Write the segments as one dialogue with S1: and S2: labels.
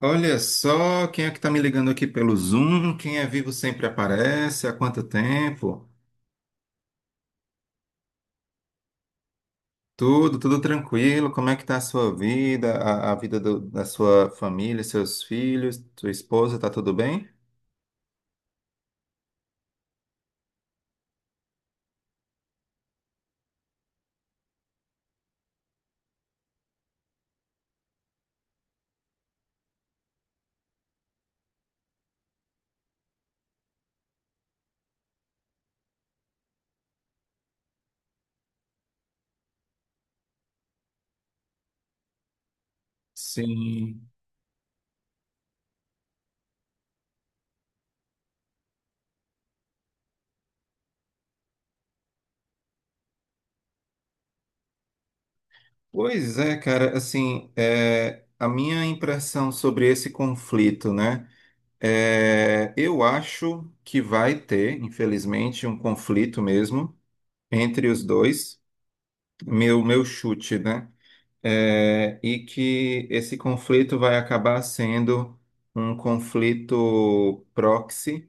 S1: Olha só quem é que está me ligando aqui pelo Zoom. Quem é vivo sempre aparece. Há quanto tempo? Tudo tranquilo. Como é que está a sua vida, a vida da sua família, seus filhos, sua esposa? Tá tudo bem? Sim. Pois é, cara. Assim, a minha impressão sobre esse conflito, né? Eu acho que vai ter, infelizmente, um conflito mesmo entre os dois. Meu chute, né? E que esse conflito vai acabar sendo um conflito proxy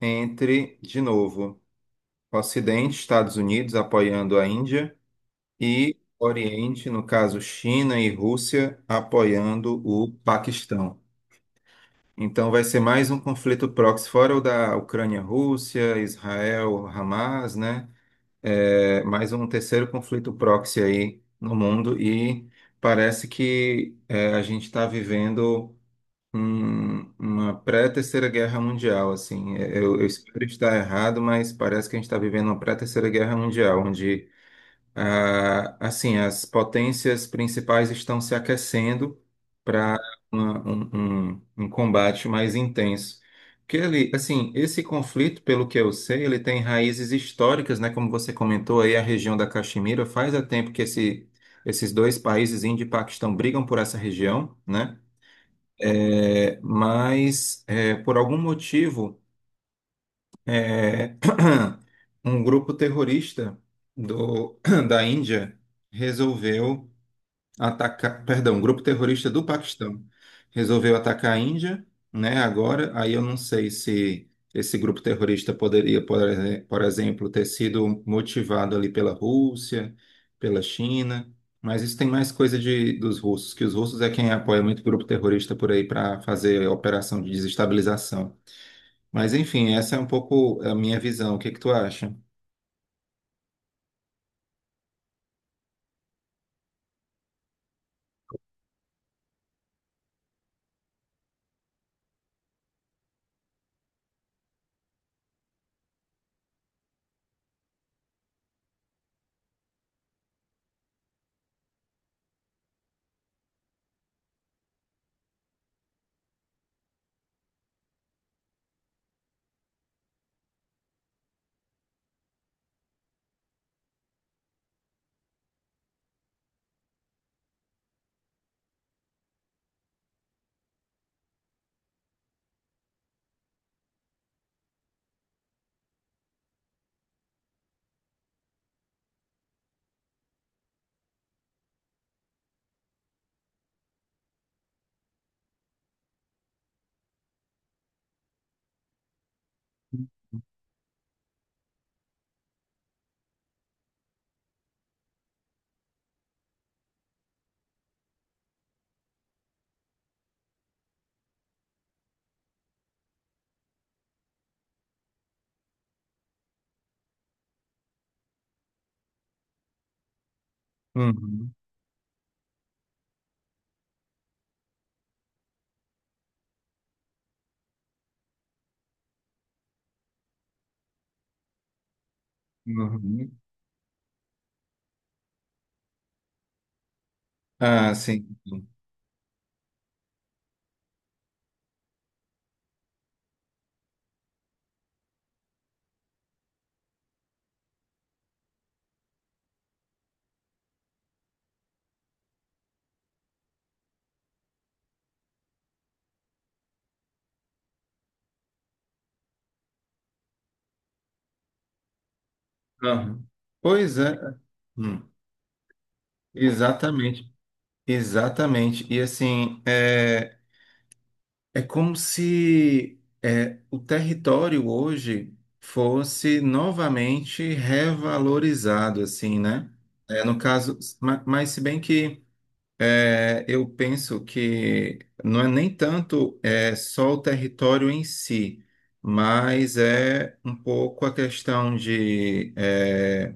S1: entre, de novo, Ocidente, Estados Unidos apoiando a Índia e Oriente, no caso China e Rússia, apoiando o Paquistão. Então vai ser mais um conflito proxy, fora o da Ucrânia-Rússia, Israel-Hamas, né? É mais um terceiro conflito proxy aí no mundo e parece que a gente está vivendo uma pré-terceira guerra mundial, assim. É, eu espero estar errado, mas parece que a gente está vivendo uma pré-terceira guerra mundial, onde assim, as potências principais estão se aquecendo para um combate mais intenso. Porque ele, assim, esse conflito, pelo que eu sei, ele tem raízes históricas, né? Como você comentou aí, a região da Caxemira, faz há tempo que esses dois países, Índia e Paquistão, brigam por essa região, né? É, mas por algum motivo, é, um grupo terrorista do- da Índia resolveu atacar, perdão, um grupo terrorista do Paquistão resolveu atacar a Índia, né? Agora, aí eu não sei se esse grupo terrorista poderia, por exemplo, ter sido motivado ali pela Rússia, pela China, mas isso tem mais coisa de, dos russos, que os russos é quem apoia muito grupo terrorista por aí para fazer operação de desestabilização. Mas enfim, essa é um pouco a minha visão. O que que tu acha? Uhum, uhum. Ah, sim. Uhum. Pois é. Hum. Exatamente, exatamente. E assim, é como se o território hoje fosse novamente revalorizado, assim, né? É, no caso, mas, se bem que eu penso que não é nem tanto só o território em si, mas é um pouco a questão de.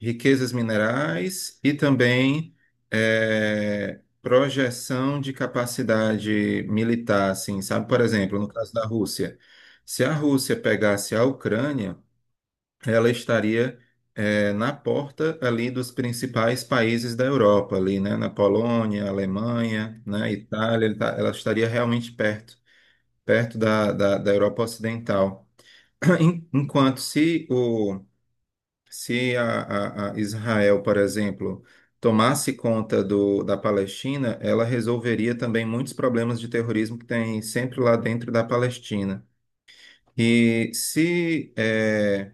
S1: Riquezas minerais e também projeção de capacidade militar, assim, sabe? Por exemplo, no caso da Rússia, se a Rússia pegasse a Ucrânia, ela estaria na porta ali dos principais países da Europa, ali, né? Na Polônia, Alemanha, né? Itália, ela estaria realmente perto, perto da Europa Ocidental. Enquanto se o se a, a Israel, por exemplo, tomasse conta da Palestina, ela resolveria também muitos problemas de terrorismo que tem sempre lá dentro da Palestina. E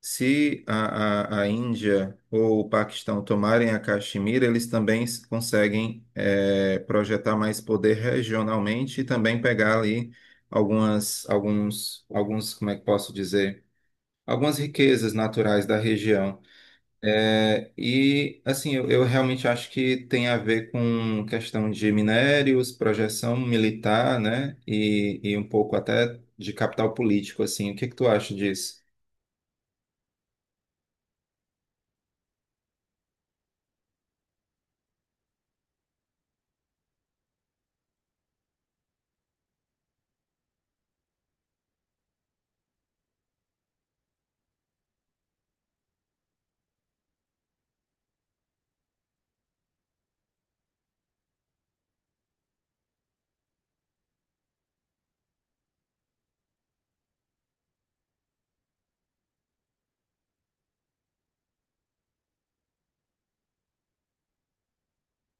S1: se a Índia ou o Paquistão tomarem a Caxemira, eles também conseguem, eh, projetar mais poder regionalmente e também pegar ali algumas, alguns, como é que posso dizer? Algumas riquezas naturais da região. É, e assim, eu realmente acho que tem a ver com questão de minérios, projeção militar, né? E um pouco até de capital político, assim. O que que tu acha disso?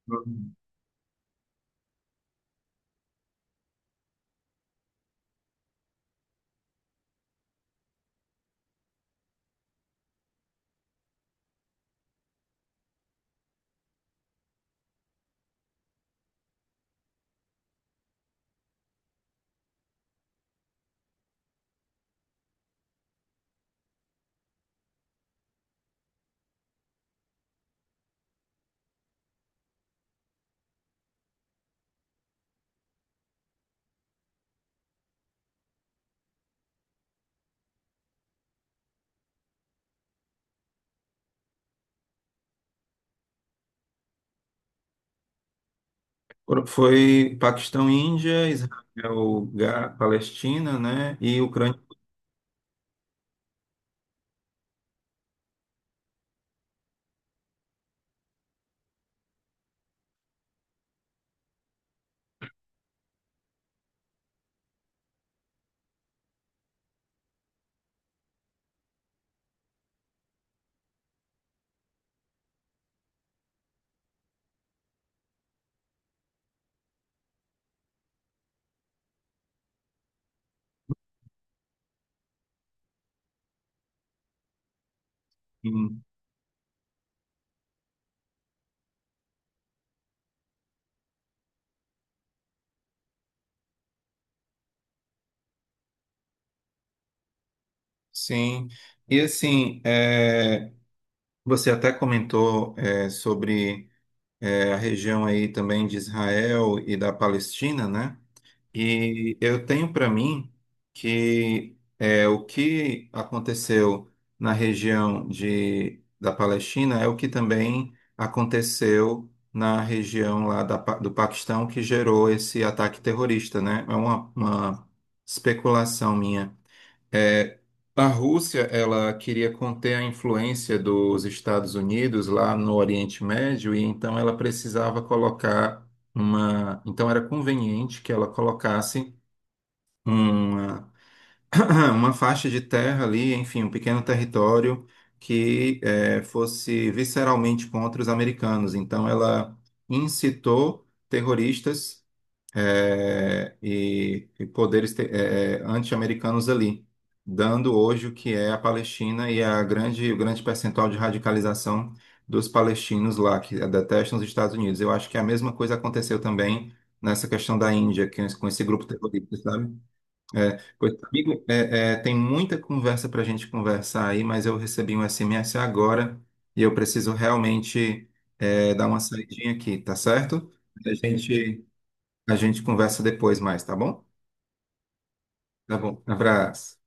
S1: Uhum. Foi Paquistão, Índia, Israel, Palestina, né? E Ucrânia. Sim. Sim. E assim, é, você até comentou sobre a região aí também de Israel e da Palestina, né? E eu tenho para mim que o que aconteceu na região da Palestina é o que também aconteceu na região lá da, do Paquistão que gerou esse ataque terrorista, né? É uma especulação minha. É, a Rússia, ela queria conter a influência dos Estados Unidos lá no Oriente Médio e então ela precisava colocar uma, então era conveniente que ela colocasse uma uma faixa de terra ali, enfim, um pequeno território que eh, fosse visceralmente contra os americanos. Então ela incitou terroristas e poderes anti-americanos ali, dando hoje o que é a Palestina e o grande percentual de radicalização dos palestinos lá, que detestam os Estados Unidos. Eu acho que a mesma coisa aconteceu também nessa questão da Índia, que, com esse grupo terrorista, sabe? É, pois, amigo, tem muita conversa para a gente conversar aí, mas eu recebi um SMS agora e eu preciso realmente dar uma saidinha aqui, tá certo? A gente a gente conversa depois mais, tá bom? Tá bom. Abraço.